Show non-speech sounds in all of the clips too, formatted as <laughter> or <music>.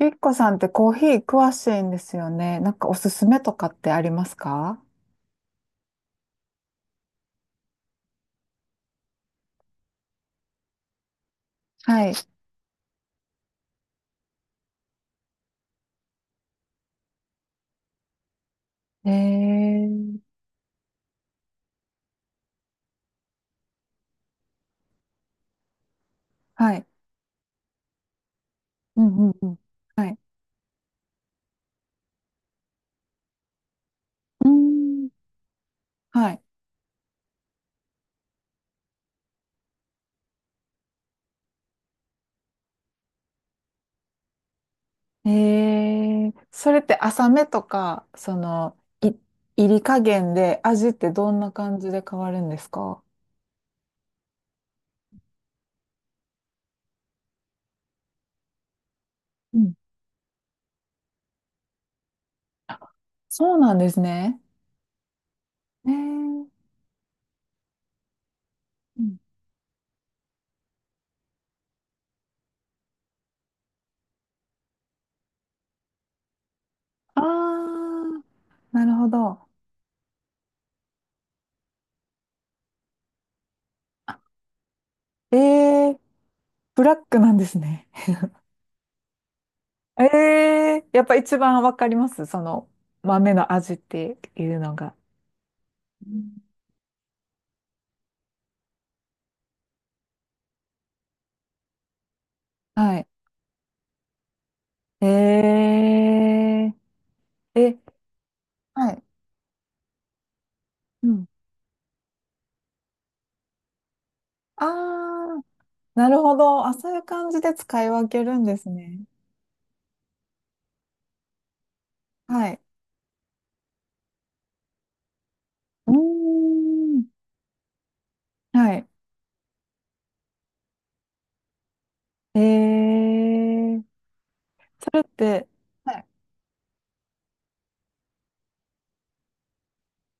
ゆきこさんってコーヒー詳しいんですよね。なんかおすすめとかってありますか？はい。えー、はい。うんうんうん。はい。うーん、はい。それって浅めとか、い、入り加減で味ってどんな感じで変わるんですか？うん。そうなんですね。えー、うん。あー、なるほど。えー、ブラックなんですね。ええ。やっぱ一番わかります、その豆の味っていうのが。うん。はい。えええ、はい。うん。ああ、なるほど。あ、そういう感じで使い分けるんですね。はい。うーん。はい。ええ、それって、はい。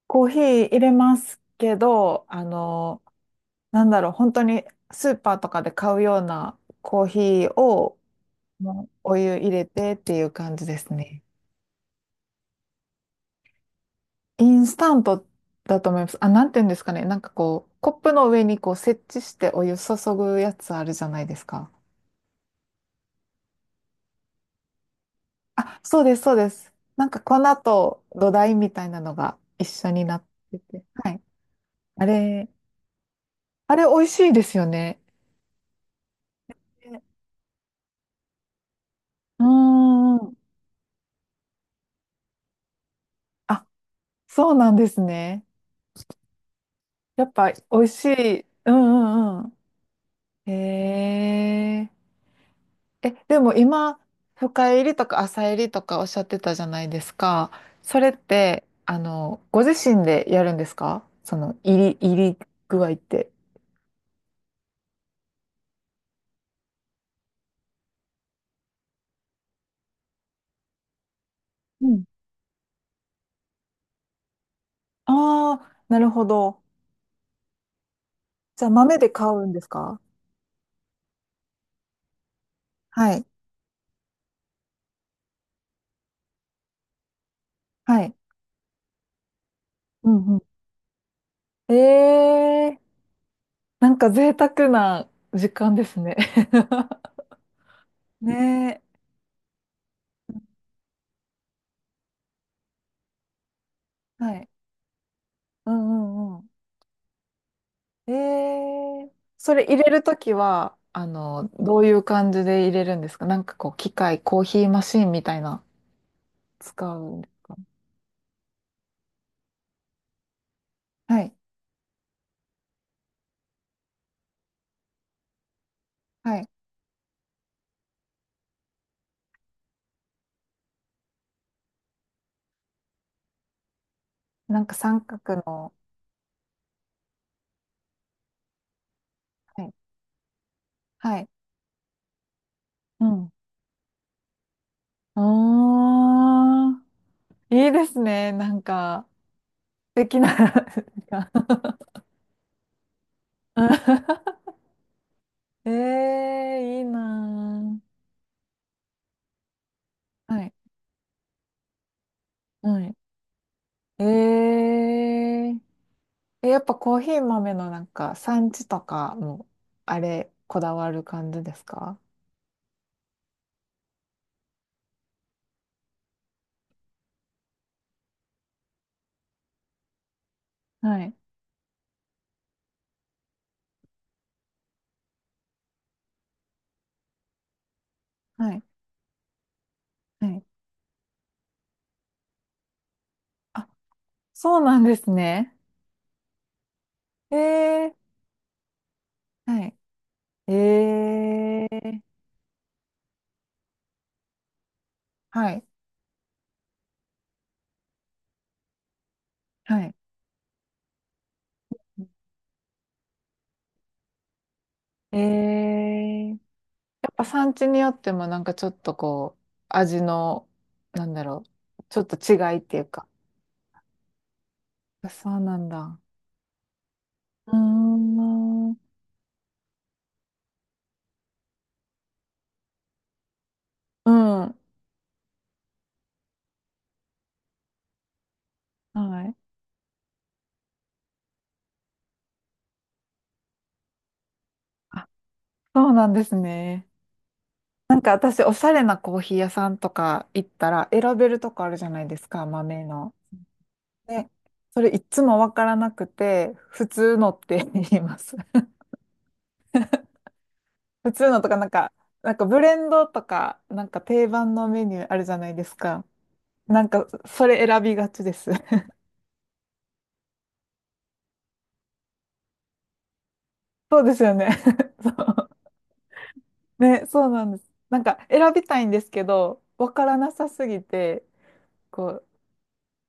コーヒー入れますけど、なんだろう、本当にスーパーとかで買うようなコーヒーをもうお湯入れてっていう感じですね。インスタントだと思います。あ、なんていうんですかね。なんかこう、コップの上にこう設置してお湯注ぐやつあるじゃないですか。あ、そうです、そうです。なんか粉と土台みたいなのが一緒になってて。はい。あれ、あれ美味しいですよね。ね。うーん。あ、そうなんですね。やっぱ美味しい。うんうんうん。へえ。え、でも今、深入りとか浅入りとかおっしゃってたじゃないですか。それって、ご自身でやるんですか？その入り具合って。うん。ああ、なるほど。じゃあ豆で買うんですか？はい。はい。うんうん。なんか贅沢な時間ですね。<laughs> ねえ。はい。うんうんうん。えー、それ入れるときは、どういう感じで入れるんですか？なんかこう、機械、コーヒーマシーンみたいな、使うんですか？はい、はい。なんか三角の、はい、はい。うん。おー、いいですね。なんか、素敵な。<laughs> ええー、いいなー。はい、はい。えええ、やっぱコーヒー豆のなんか産地とかも、あれ、こだわる感じですか？はい。はい。はい。あ、そうなんですね。えー、はい。えー、はい。はい。えー、やっぱ産地によってもなんかちょっとこう、味の、なんだろう、ちょっと違いっていうか。そうなんだ。うーん。うん。はい。あ、そうなんですね。なんか私、おしゃれなコーヒー屋さんとか行ったら、選べるとこあるじゃないですか、豆の。で、それいつもわからなくて、普通のって言います。<laughs> 普通のとか、なんかブレンドとか、なんか定番のメニューあるじゃないですか。なんか、それ選びがちです。<laughs> そうですよね。<laughs> そう。ね、そうなんです。なんか、選びたいんですけど、わからなさすぎて、こ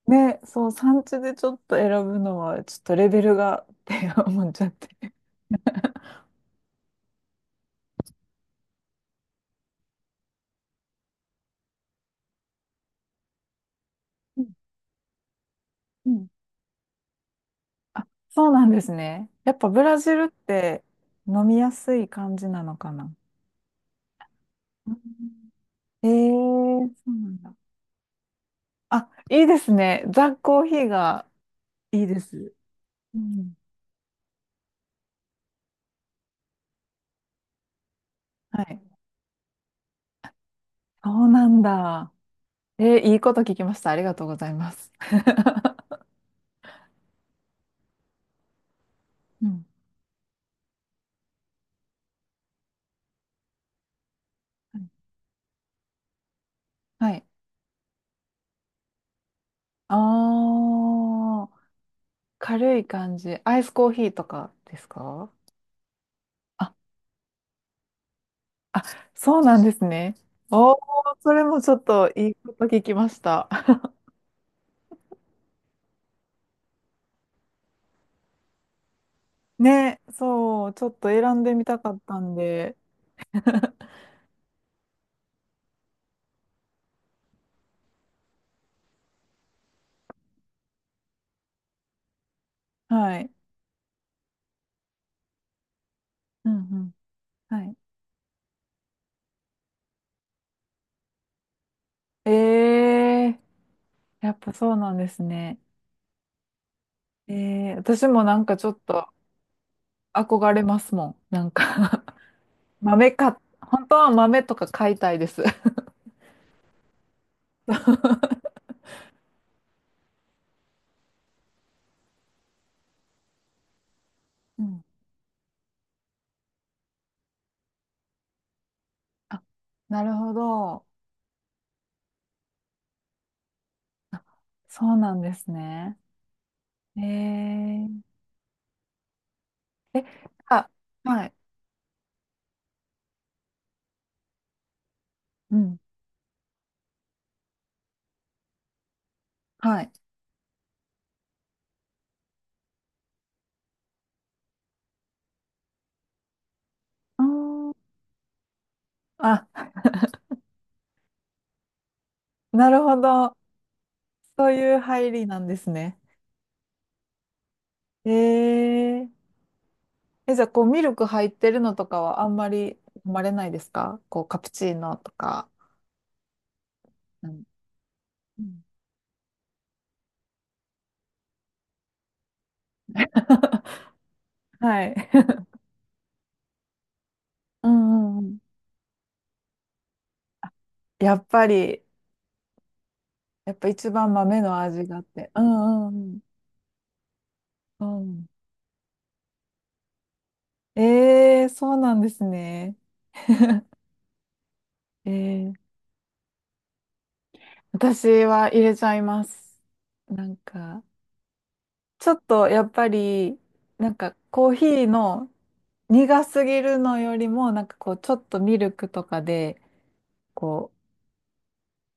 う、ね、そう、産地でちょっと選ぶのは、ちょっとレベルがって思っちゃって。うん。あ、そうなんですね。やっぱブラジルって飲みやすい感じなのかな。ええー、そうなんだ。あ、いいですね。ザ・コーヒーがいいです。うん。はい。そうなんだ。いいこと聞きました。ありがとうございます。<laughs> うん。はい。ああ、軽い感じ。アイスコーヒーとかですか？あ、あ、そうなんですね。おー、それもちょっといいこと聞きました。ね、そう、ちょっと選んでみたかったんで、はい。うんうん。はい。ええー、やっぱそうなんですね。ええー、私もなんかちょっと憧れますもん。なんか <laughs> 豆か、本当は豆とか買いたいです。<laughs> うん。あ、なるほど。そうなんですね。ええー、え、あ、はい。うん。はい。うーん。あ、なるほど。そういう入りなんですね。えー。え、じゃあ、こう、ミルク入ってるのとかはあんまり飲まれないですか？こう、カプチーノとか。うんうん <laughs> はい。<laughs> うんうんうん。やっぱり、やっぱ一番豆の味があって。うんうんうん。うん。そうなんですね。えー、私は入れちゃいます。なんか、ちょっとやっぱり、なんかコーヒーの苦すぎるのよりも、なんかこう、ちょっとミルクとかで、こう、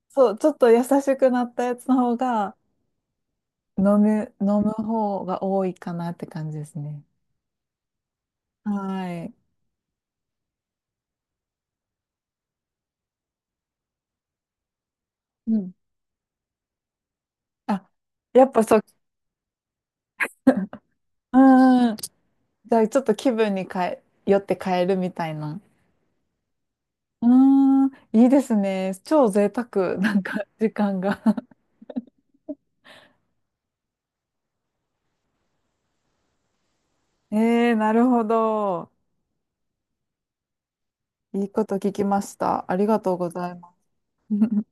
そう、ちょっと優しくなったやつの方が飲む方が多いかなって感じですね。はい。うん。あ、やっぱそう。<laughs> うん。じゃあちょっと気分によって変えるみたいな。うーん、いいですね。超贅沢、なんか時間が。<laughs> なるほど。いいこと聞きました。ありがとうございます。<laughs>